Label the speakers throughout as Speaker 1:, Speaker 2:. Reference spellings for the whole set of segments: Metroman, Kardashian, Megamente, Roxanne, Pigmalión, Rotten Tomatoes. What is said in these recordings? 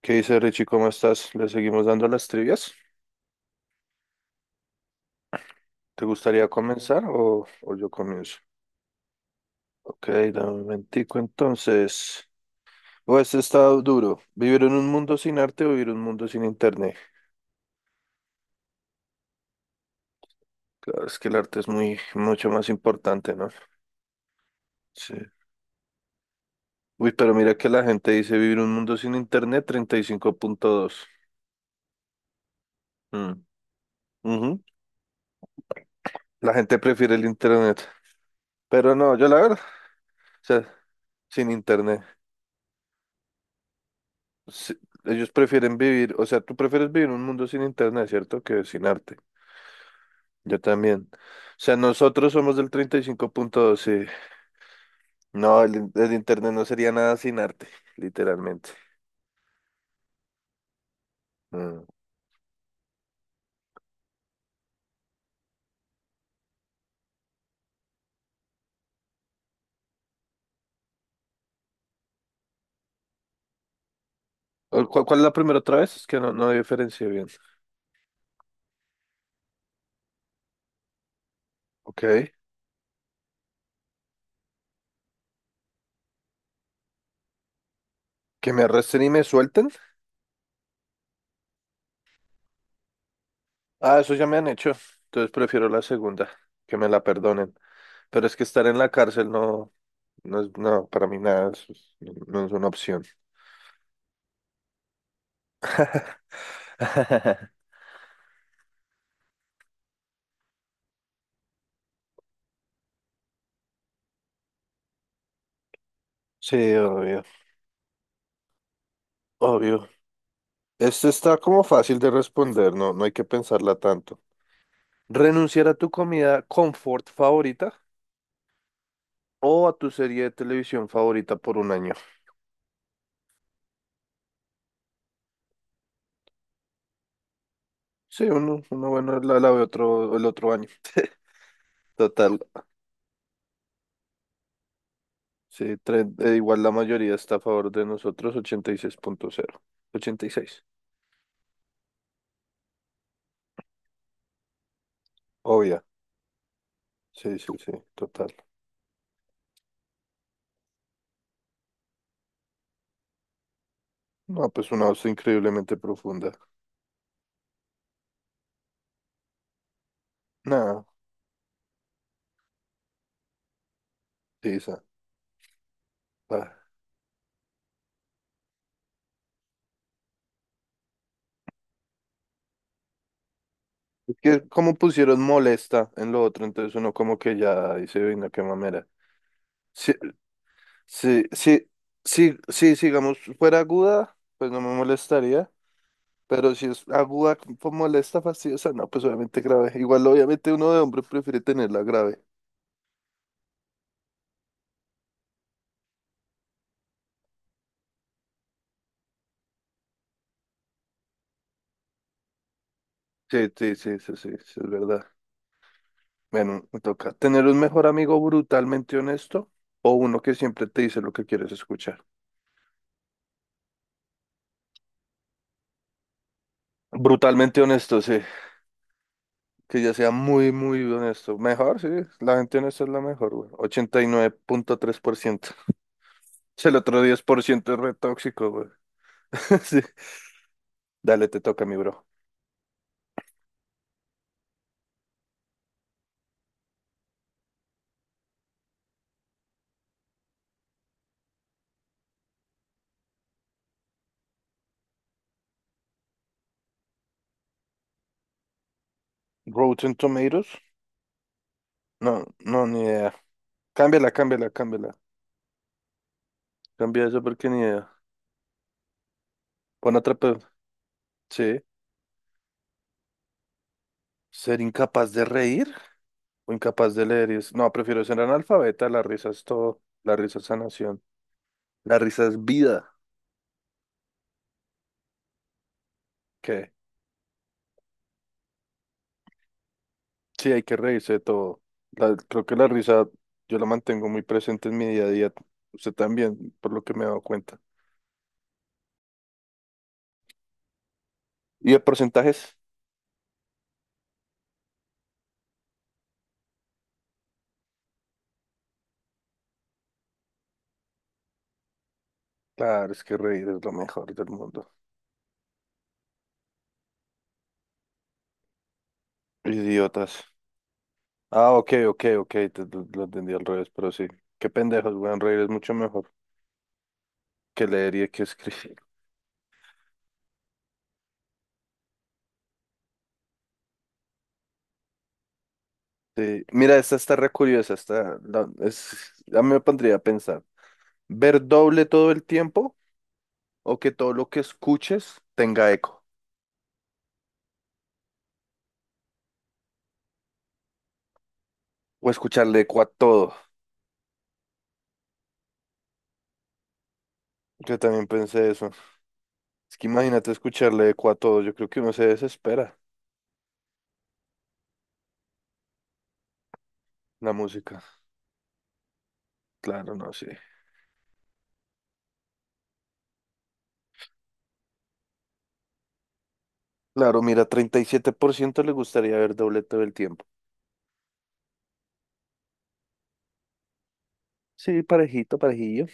Speaker 1: ¿Qué dice Richie? ¿Cómo estás? ¿Le seguimos dando las trivias? ¿Te gustaría comenzar o yo comienzo? Ok, dame un momentico entonces. O este está duro. ¿Vivir en un mundo sin arte o vivir en un mundo sin internet? Claro, es que el arte es mucho más importante, ¿no? Sí. Uy, pero mira que la gente dice vivir un mundo sin internet, 35.2. Mm. Ujú. La gente prefiere el internet. Pero no, yo la verdad, o sea, sin internet. Sí, ellos prefieren vivir, o sea, tú prefieres vivir en un mundo sin internet, ¿cierto? Que sin arte. Yo también. O sea, nosotros somos del 35.2, sí. No, el internet no sería nada sin arte, literalmente. Mm. ¿Cuál es la primera otra vez? Es que no diferencié bien. Ok. ¿Que me arresten y me suelten? Ah, eso ya me han hecho. Entonces prefiero la segunda, que me la perdonen. Pero es que estar en la cárcel no, no es, no, para mí nada, no es una opción. Sí, obvio, obvio. Esto está como fácil de responder, no, no hay que pensarla tanto. ¿Renunciar a tu comida confort favorita o a tu serie de televisión favorita por un año? Sí, uno bueno, la ve otro, el otro año. Total, sí, igual la mayoría está a favor de nosotros, 86,0, 86. Obvia, sí, sí, sí, total. No, pues una voz increíblemente profunda. Nada, sí, esa. Ah. Es que como pusieron molesta en lo otro, entonces uno como que ya dice, venga, qué mamera. Sí, sí, sí, sí, sí, si digamos, fuera aguda, pues no me molestaría, pero si es aguda, pues molesta, fastidiosa, no, pues obviamente grave. Igual, obviamente, uno de hombre prefiere tenerla grave. Sí, sí, sí, sí, sí, sí, es verdad. Bueno, me toca tener un mejor amigo brutalmente honesto o uno que siempre te dice lo que quieres escuchar. Brutalmente honesto, sí, que ya sea muy, muy honesto. Mejor, sí, la gente honesta es la mejor, güey. 89.3%. El otro 10% es re tóxico, güey. Dale, te toca, mi bro. Rotten Tomatoes. No, no, ni idea. Cámbiala, cámbiala, cámbiala. Cambia eso porque ni idea. Pon otra. Sí. Ser incapaz de reír o incapaz de leer. No, prefiero ser analfabeta. La risa es todo. La risa es sanación. La risa es vida. ¿Qué? Sí, hay que reírse de todo. Creo que la risa yo la mantengo muy presente en mi día a día. Usted también, por lo que me he dado cuenta. ¿Y de porcentajes? Claro, es que reír es lo mejor del mundo. Idiotas. Ah, ok, ok, ok, lo entendí al revés, pero sí. Qué pendejos, weón, reír es mucho mejor que leer y que escribir. Sí. Mira, esta está re curiosa, esta es, a mí me pondría a pensar. ¿Ver doble todo el tiempo o que todo lo que escuches tenga eco? O escucharle eco a todo. Yo también pensé eso. Es que imagínate escucharle eco a todo, yo creo que uno se desespera. La música, claro, no sé. Claro, mira, 37% le gustaría ver doble todo el tiempo. Sí, parejito, parejillo.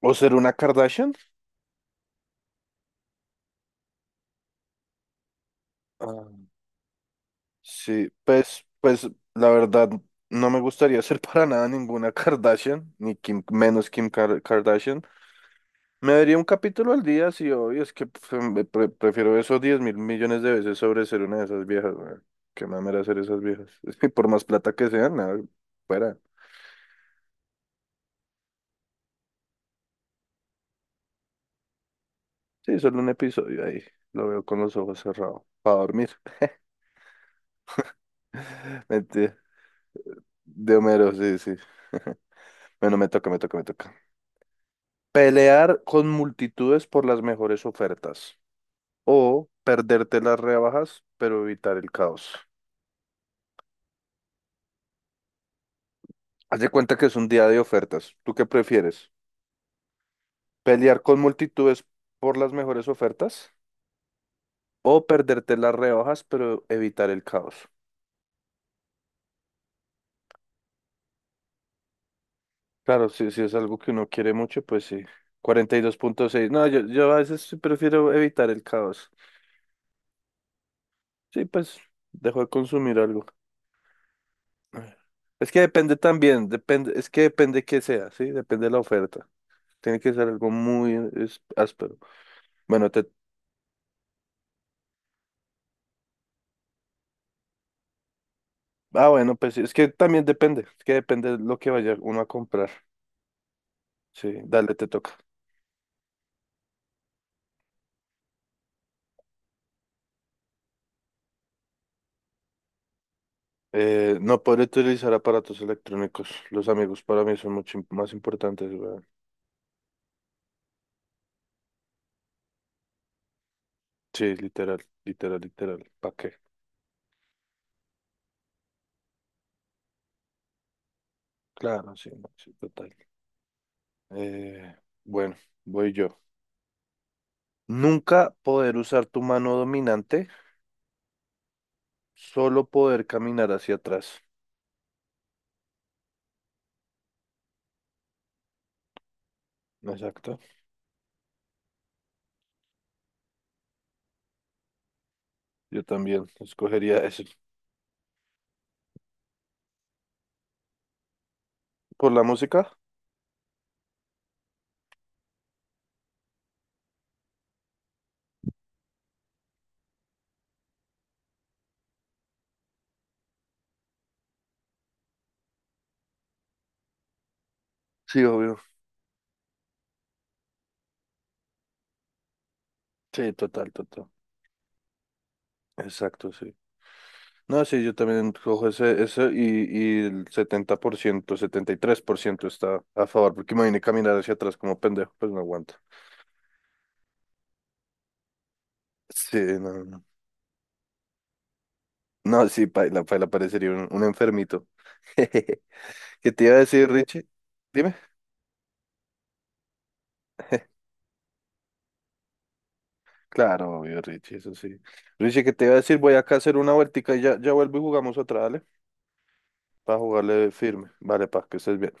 Speaker 1: ¿O ser una Kardashian? Ah, sí, pues la verdad no me gustaría ser para nada ninguna Kardashian, ni Kim, menos Kim Kardashian. Me daría un capítulo al día, sí, hoy es que prefiero esos 10 mil millones de veces sobre ser una de esas viejas, weón. Qué mamera ser esas viejas. Es que por más plata que sean, nada, fuera. Sí, solo un episodio ahí. Lo veo con los ojos cerrados. Para dormir. Mentira. De Homero, sí, sí. Bueno, me toca, me toca, me toca. Pelear con multitudes por las mejores ofertas o perderte las rebajas, pero evitar el caos. Haz de cuenta que es un día de ofertas. ¿Tú qué prefieres? ¿Pelear con multitudes por las mejores ofertas o perderte las rebajas, pero evitar el caos? Claro, si, si es algo que uno quiere mucho, pues sí. 42,6. No, yo a veces sí prefiero evitar el caos. Sí, pues dejo de consumir algo. Es que depende también, depende, es que depende qué sea, ¿sí? Depende de la oferta. Tiene que ser algo muy áspero. Bueno, te ah, bueno, pues sí, es que también depende, es que depende de lo que vaya uno a comprar. Sí, dale, te toca. No podré utilizar aparatos electrónicos. Los amigos para mí son mucho más importantes, weón. Sí, literal, literal, literal. ¿Para qué? Claro, sí, no, sí, total. Eh, bueno, voy yo. Nunca poder usar tu mano dominante, solo poder caminar hacia atrás. Exacto. Yo también escogería eso. ¿Por la música? Sí, obvio. Sí, total, total. Exacto, sí. No, sí, yo también cojo ese y el 70% 73% está a favor, porque imagínate caminar hacia atrás como pendejo, pues no aguanta. Sí, no, no. No, sí, paila, paila, parecería un enfermito. ¿Qué te iba a decir, Richie? Dime. Claro, obvio, Richie, eso sí. Richie, ¿qué te iba a decir? Voy acá a hacer una vueltica y ya, ya vuelvo y jugamos otra, ¿vale? Para jugarle firme. Vale, pa, que estés bien.